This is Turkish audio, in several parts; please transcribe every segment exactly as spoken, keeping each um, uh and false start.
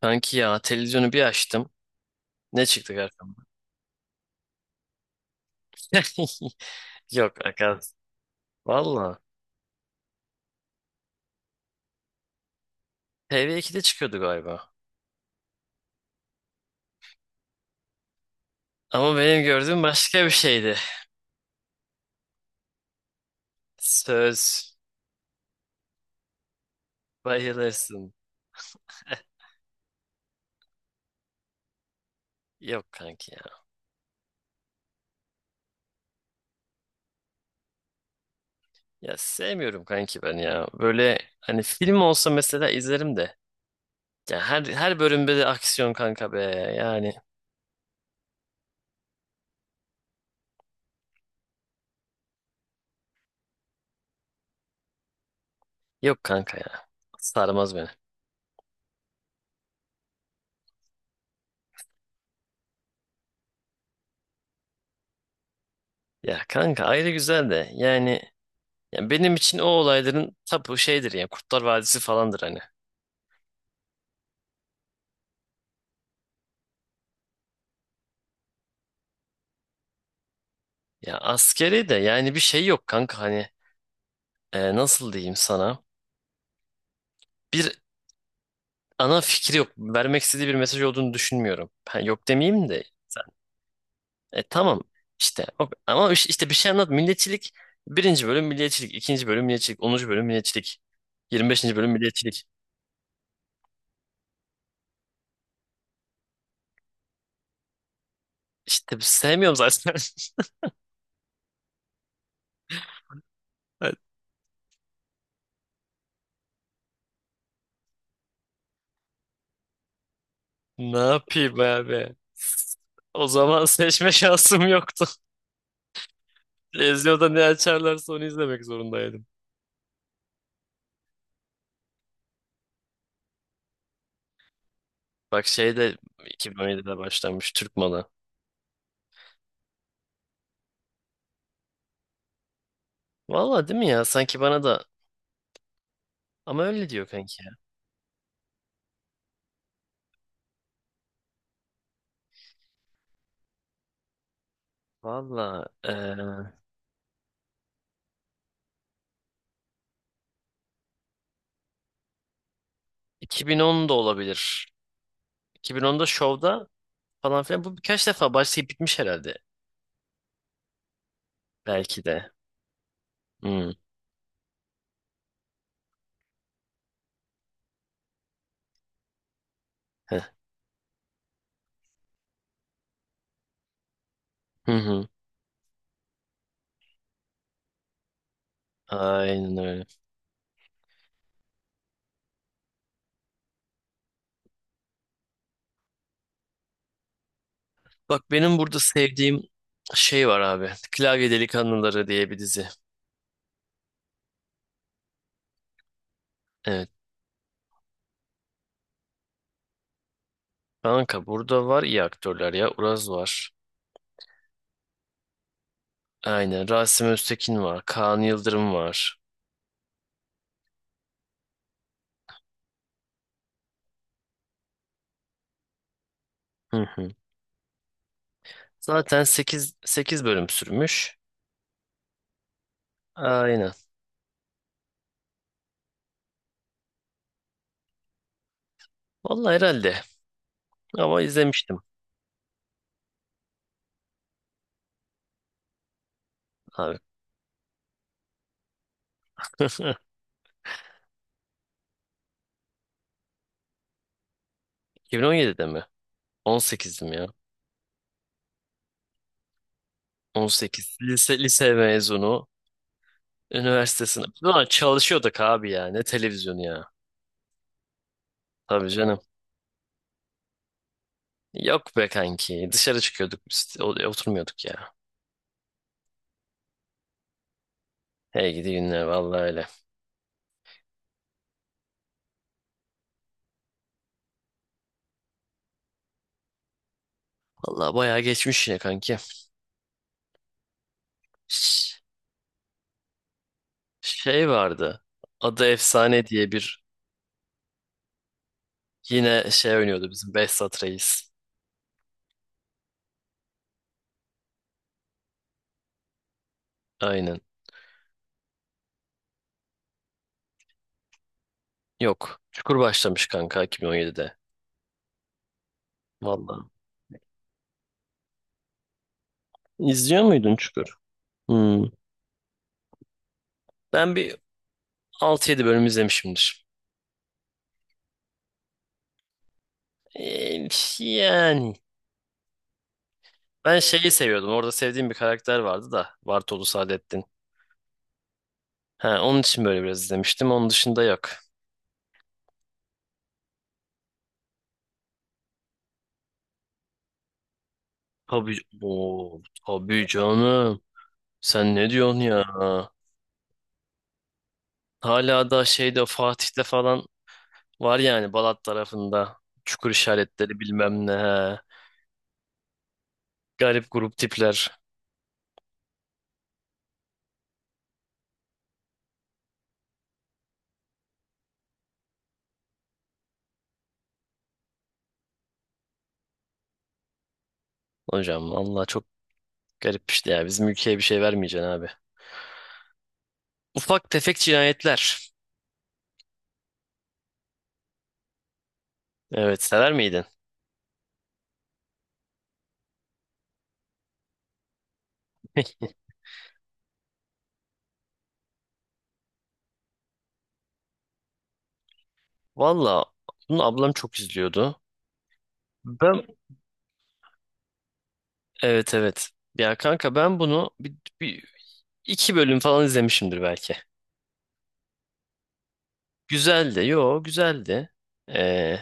Kanki ya televizyonu bir açtım. Ne çıktı karşıma? Yok Akaz. Valla. te ve ikide çıkıyordu galiba. Ama benim gördüğüm başka bir şeydi. Söz. Bayılırsın. Yok kanki ya. Ya sevmiyorum kanki ben ya. Böyle hani film olsa mesela izlerim de. Ya her her bölümde de aksiyon kanka be. Yani yok kanka ya. Sarmaz beni. Ya kanka ayrı güzel de yani ya benim için o olayların tapu şeydir ya Kurtlar Vadisi falandır hani. Ya askeri de yani bir şey yok kanka hani, e, nasıl diyeyim sana, bir ana fikri yok, vermek istediği bir mesaj olduğunu düşünmüyorum. Ben yok demeyeyim de sen. E, tamam işte, o- ama iş- işte bir şey anlat: milliyetçilik. Birinci bölüm milliyetçilik, ikinci bölüm milliyetçilik, onuncu bölüm milliyetçilik, yirmi beşinci bölüm milliyetçilik. İşte sevmiyorum zaten. Ne yapayım abi? O zaman seçme şansım yoktu. Televizyonda ne açarlarsa onu izlemek zorundaydım. Bak, şey de iki bin on yedide başlanmış, Türk malı. Valla değil mi ya? Sanki bana da, ama öyle diyor kanki. Valla, eee iki bin on da olabilir. iki bin onda Show'da falan filan. Bu birkaç defa başlayıp bitmiş herhalde. Belki de. Hmm. Heh. Hı hı. Aynen öyle. Bak, benim burada sevdiğim şey var abi. Klavye Delikanlıları diye bir dizi. Evet. Kanka burada var iyi aktörler ya. Uraz var. Aynen. Rasim Öztekin var. Kaan Yıldırım var. Hı hı. Zaten sekiz sekiz bölüm sürmüş. Aynen. Vallahi herhalde. Ama izlemiştim abi. iki bin on yedide mi? on sekizdim ya. on sekiz. Lise, lise mezunu. Üniversite sınavı. Ulan çalışıyorduk abi ya. Ne televizyonu ya. Tabii canım. Yok be kanki. Dışarı çıkıyorduk biz. O- Oturmuyorduk ya. Hey gidi günler, vallahi öyle. Vallahi bayağı geçmiş yine kanki. Ş- Şey vardı, adı Efsane diye bir. Yine şey oynuyordu, bizim Behzat Reis. Aynen. Yok. Çukur başlamış kanka iki bin on yedide. Vallahi. İzliyor muydun Çukur? Hmm. Ben bir altı yedi bölüm izlemişimdir. Ee, yani. Ben şeyi seviyordum, orada sevdiğim bir karakter vardı da: Bartolu Saadettin. Ha, onun için böyle biraz izlemiştim. Onun dışında yok. Tabii. Oo, tabii canım. Sen ne diyorsun ya? Hala da şeyde, Fatih'te falan var yani, Balat tarafında. Çukur işaretleri bilmem ne. He. Garip grup tipler. Hocam Allah çok garip işte ya. Bizim ülkeye bir şey vermeyeceksin abi. Ufak tefek cinayetler. Evet, sever miydin? Valla bunu ablam çok izliyordu. Ben, evet evet. Ya kanka, ben bunu bir, bir- iki bölüm falan izlemişimdir belki. Güzeldi. Yo, güzeldi. Ee,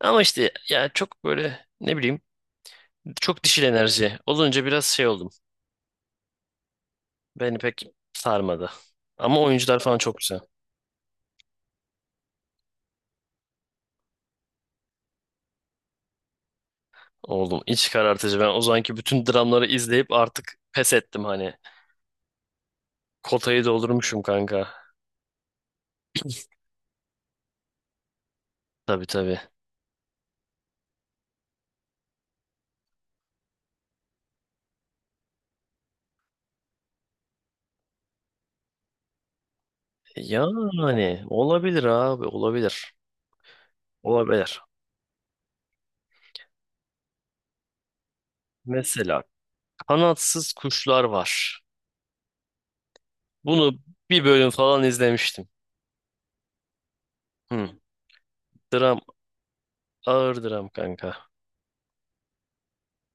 ama işte ya, çok böyle ne bileyim, çok dişil enerji olunca biraz şey oldum. Beni pek sarmadı. Ama oyuncular falan çok güzel. Oğlum, iç karartıcı. Ben o zamanki bütün dramları izleyip artık pes ettim hani. Kotayı doldurmuşum kanka. Tabii tabii. Yani olabilir abi, olabilir. Olabilir. Mesela kanatsız kuşlar var. Bunu bir bölüm falan izlemiştim. Hı. Dram, ağır dram kanka.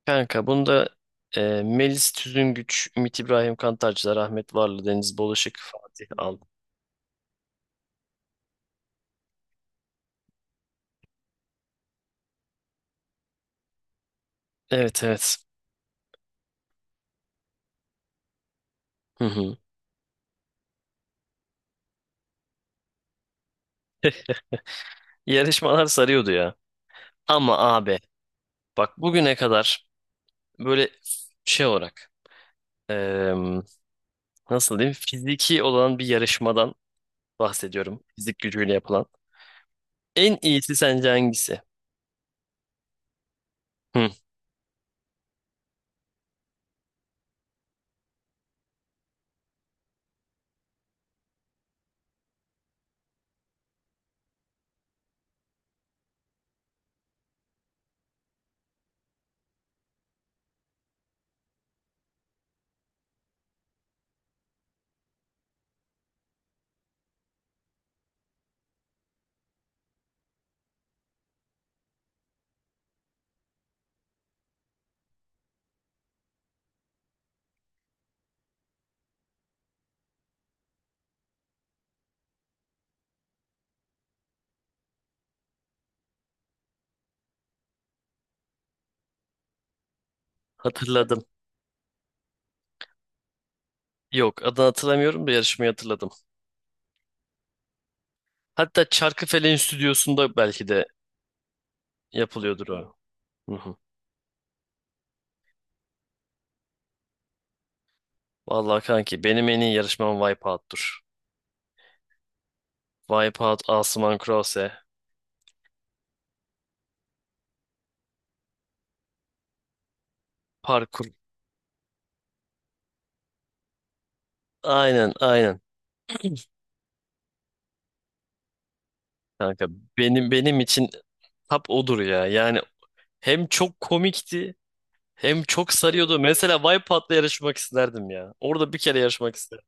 Kanka bunda e, Melis Tüzüngüç, Ümit İbrahim Kantarcılar, Ahmet Varlı, Deniz Bolaşık, Fatih Al. Evet evet. Hı hı. Yarışmalar sarıyordu ya. Ama abi bak, bugüne kadar böyle şey olarak, nasıl diyeyim, fiziki olan bir yarışmadan bahsediyorum. Fizik gücüyle yapılan. En iyisi sence hangisi? Hı, hatırladım. Yok, adını hatırlamıyorum da yarışmayı hatırladım. Hatta Çarkıfelek'in stüdyosunda belki de yapılıyordur o. Hı hı. Vallahi kanki, benim en iyi yarışmam Wipeout'tur. Wipeout, Asuman Krause, parkur. Aynen aynen kanka. Benim benim için tap odur ya. Yani hem çok komikti hem çok sarıyordu. Mesela Wipeout'la yarışmak isterdim ya. Orada bir kere yarışmak isterdim.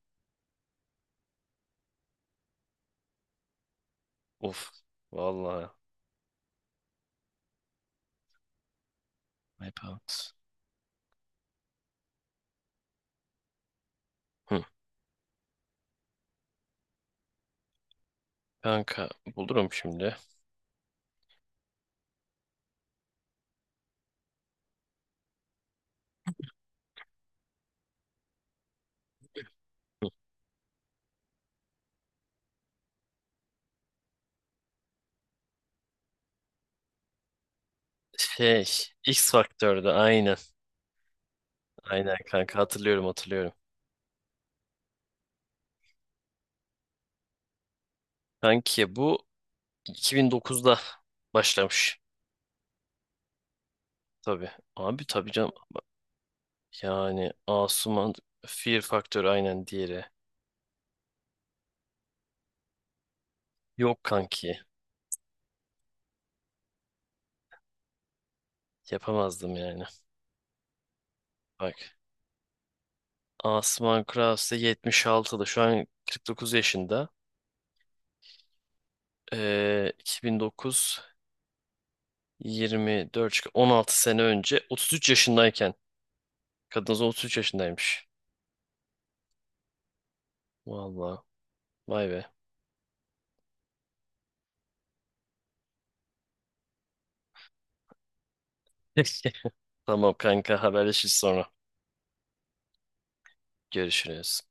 Of. Vallahi. Wipeout. Hı. Kanka bulurum şimdi. Hı. Şey, X Faktör'de aynen. Aynen kanka, hatırlıyorum hatırlıyorum. Kanki bu iki bin dokuzda başlamış. Tabii. Abi tabii canım. Yani Asuman, Fear Faktör aynen diğeri. Yok kanki. Yapamazdım yani. Bak. Asuman Krause yetmiş altıda, şu an kırk dokuz yaşında. Ee, iki bin dokuz, yirmi dört, çık- on altı sene önce, otuz üç yaşındayken. Kadınız otuz üç yaşındaymış. Vallahi, vay be. Tamam kanka, haberleşiriz sonra. Görüşürüz.